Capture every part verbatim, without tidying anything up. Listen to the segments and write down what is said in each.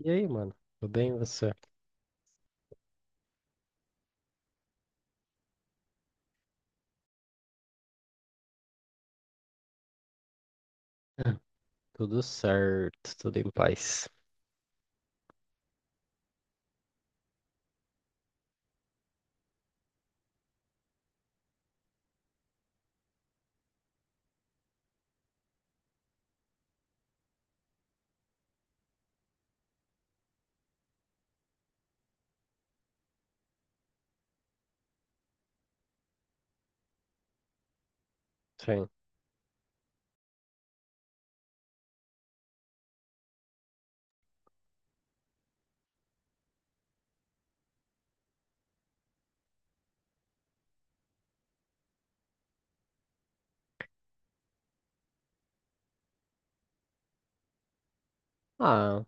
E aí, mano? Tudo bem, e você? Ah, tudo certo, tudo em paz. Sim. Ah,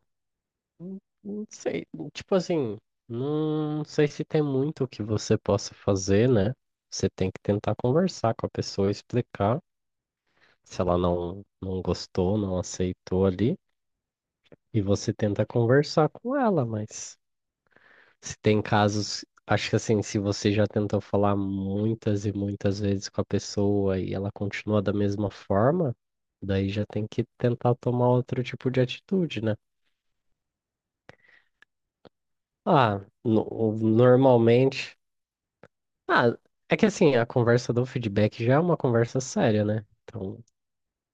não não sei. Tipo assim, não sei se tem muito que você possa fazer, né? Você tem que tentar conversar com a pessoa, explicar se ela não, não gostou, não aceitou ali, e você tenta conversar com ela, mas se tem casos, acho que assim, se você já tentou falar muitas e muitas vezes com a pessoa e ela continua da mesma forma, daí já tem que tentar tomar outro tipo de atitude, né? Ah, no- normalmente. Ah, é que assim, a conversa do feedback já é uma conversa séria, né? Então,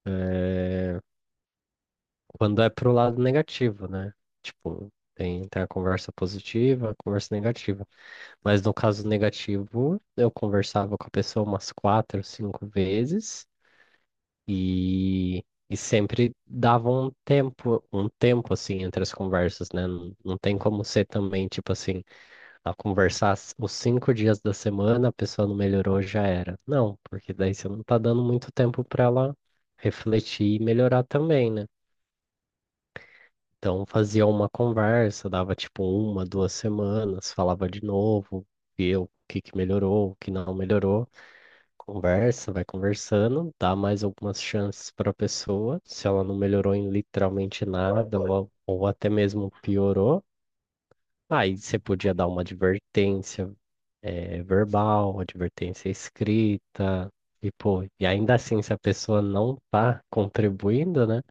é, quando é pro lado negativo, né? Tipo, tem, tem a conversa positiva, a conversa negativa. Mas no caso negativo, eu conversava com a pessoa umas quatro, cinco vezes e, e sempre dava um tempo, um tempo assim entre as conversas, né? Não, não tem como ser também, tipo assim, a conversar s- os cinco dias da semana, a pessoa não melhorou, já era. Não, porque daí você não tá dando muito tempo para ela refletir e melhorar também, né? Então fazia uma conversa, dava tipo uma, duas semanas, falava de novo, via o que que melhorou, o que não melhorou. Conversa, vai conversando, dá mais algumas chances para a pessoa. Se ela não melhorou em literalmente nada, ou, ou até mesmo piorou, aí você podia dar uma advertência, eh, verbal, advertência escrita, e pô, e ainda assim, se a pessoa não tá contribuindo, né?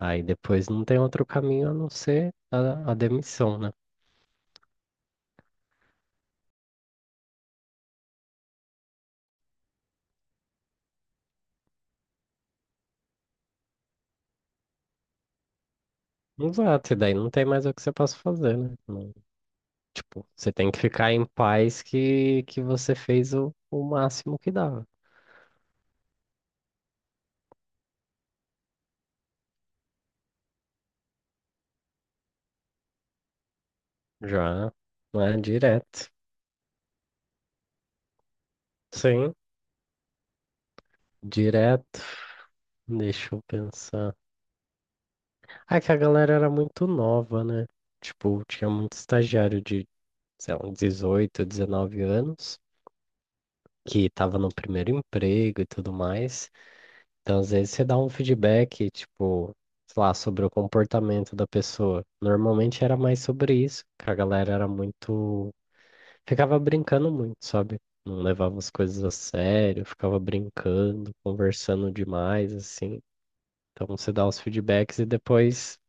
Aí depois não tem outro caminho a não ser a, a demissão, né? Exato, e daí não tem mais o que você possa fazer, né? Não, tipo, você tem que ficar em paz que, que você fez o, o máximo que dava. Já, né? Direto. Sim, direto. Deixa eu pensar. Ah, é que a galera era muito nova, né? Tipo, tinha muito estagiário de, sei lá, dezoito, dezenove anos, que tava no primeiro emprego e tudo mais. Então, às vezes, você dá um feedback, tipo, sei lá, sobre o comportamento da pessoa. Normalmente era mais sobre isso, que a galera era muito ficava brincando muito, sabe? Não levava as coisas a sério, ficava brincando, conversando demais, assim. Então você dá os feedbacks e depois,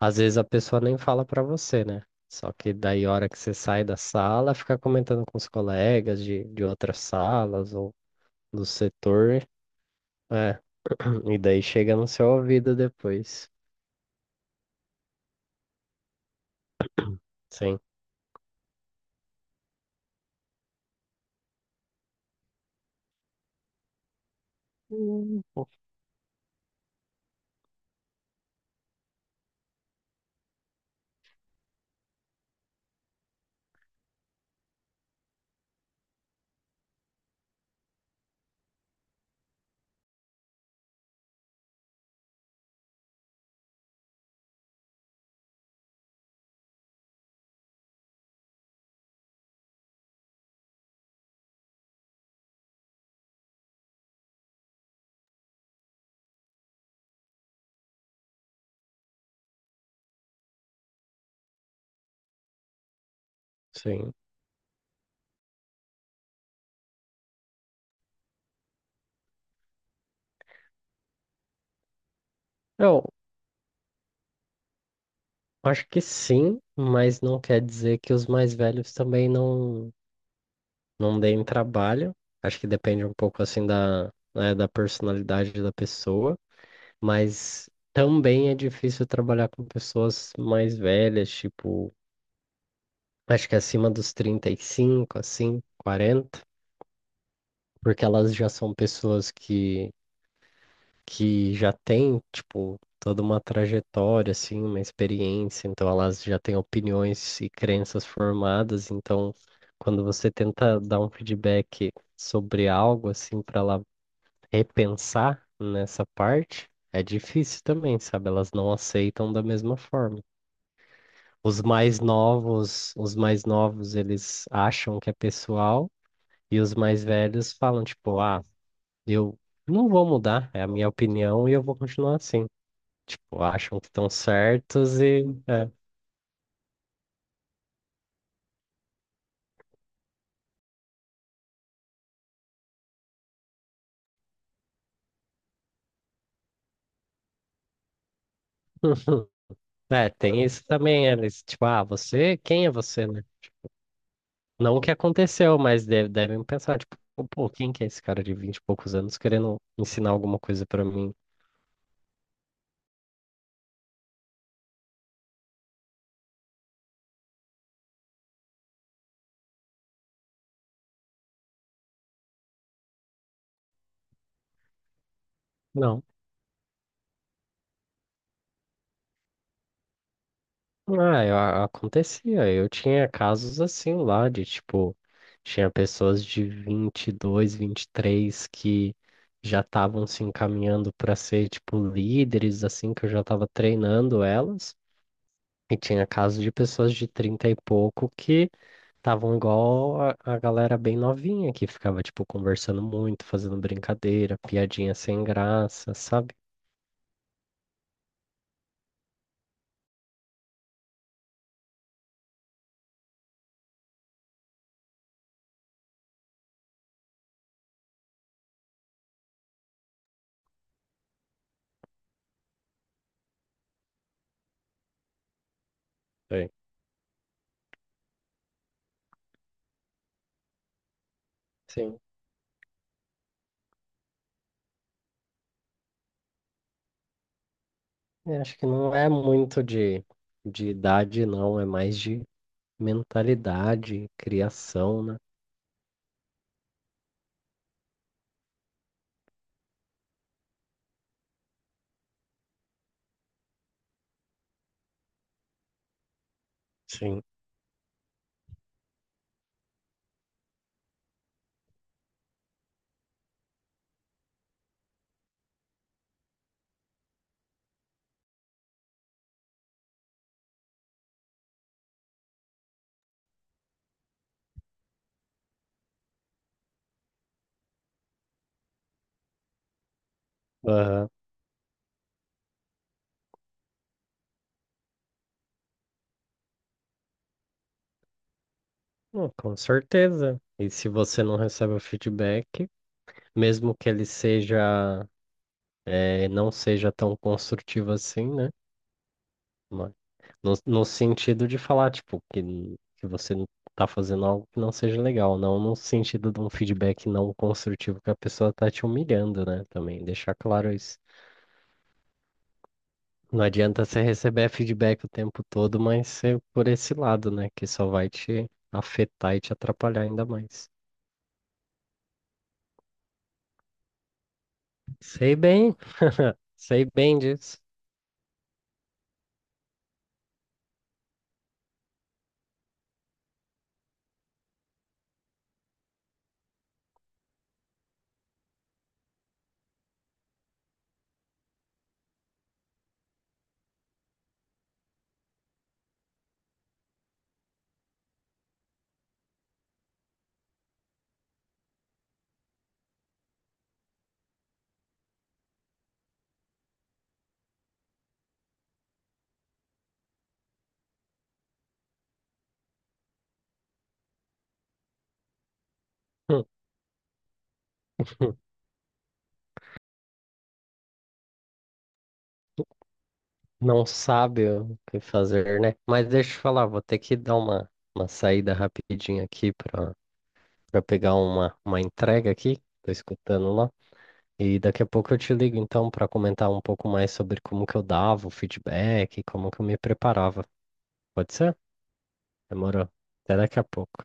às vezes a pessoa nem fala pra você, né? Só que daí, a hora que você sai da sala, fica comentando com os colegas de, de outras salas ou do setor, é. E daí chega no seu ouvido depois. Sim. Hum. Sim. Eu acho que sim, mas não quer dizer que os mais velhos também não. não deem trabalho. Acho que depende um pouco assim da, né, da personalidade da pessoa, mas também é difícil trabalhar com pessoas mais velhas, tipo, acho que acima dos trinta e cinco assim, quarenta, porque elas já são pessoas que, que já têm, tipo, toda uma trajetória, assim, uma experiência, então elas já têm opiniões e crenças formadas, então quando você tenta dar um feedback sobre algo assim para ela repensar nessa parte é difícil também, sabe? Elas não aceitam da mesma forma. Os mais novos, os mais novos, eles acham que é pessoal e os mais velhos falam tipo, ah, eu não vou mudar, é a minha opinião e eu vou continuar assim. Tipo, acham que estão certos e é. É, tem isso também, eles, tipo, ah, você, quem é você, né? Não o que aconteceu, mas deve- devem pensar, tipo, pô, quem que é esse cara de vinte e poucos anos querendo ensinar alguma coisa pra mim? Não. Ah, eu- a- acontecia. Eu tinha casos assim lá de, tipo, tinha pessoas de vinte e dois, três que já estavam se encaminhando para ser, tipo, líderes, assim, que eu já estava treinando elas. E tinha casos de pessoas de trinta e pouco que estavam igual a, a, galera bem novinha que ficava, tipo, conversando muito, fazendo brincadeira, piadinha sem graça, sabe? Sei. Sim. Eu acho que não é muito de, de idade, não, é mais de mentalidade, criação, né? Sim. Aham. Não, com certeza. E se você não recebe o feedback, mesmo que ele seja, eh, não seja tão construtivo assim, né? Mas No, no sentido de falar, tipo, que, que você não tá fazendo algo que não seja legal, não no sentido de um feedback não construtivo que a pessoa tá te humilhando, né? Também deixar claro isso. Não adianta você receber feedback o tempo todo, mas ser por esse lado, né? Que só vai te afetar e te atrapalhar ainda mais. Sei bem, sei bem disso. Não sabe o que fazer, né? Mas deixa eu te falar, vou ter que dar uma, uma saída rapidinho aqui para para pegar uma, uma entrega aqui, tô escutando lá. E daqui a pouco eu te ligo então para comentar um pouco mais sobre como que eu dava o feedback, como que eu me preparava. Pode ser? Demorou. Até daqui a pouco.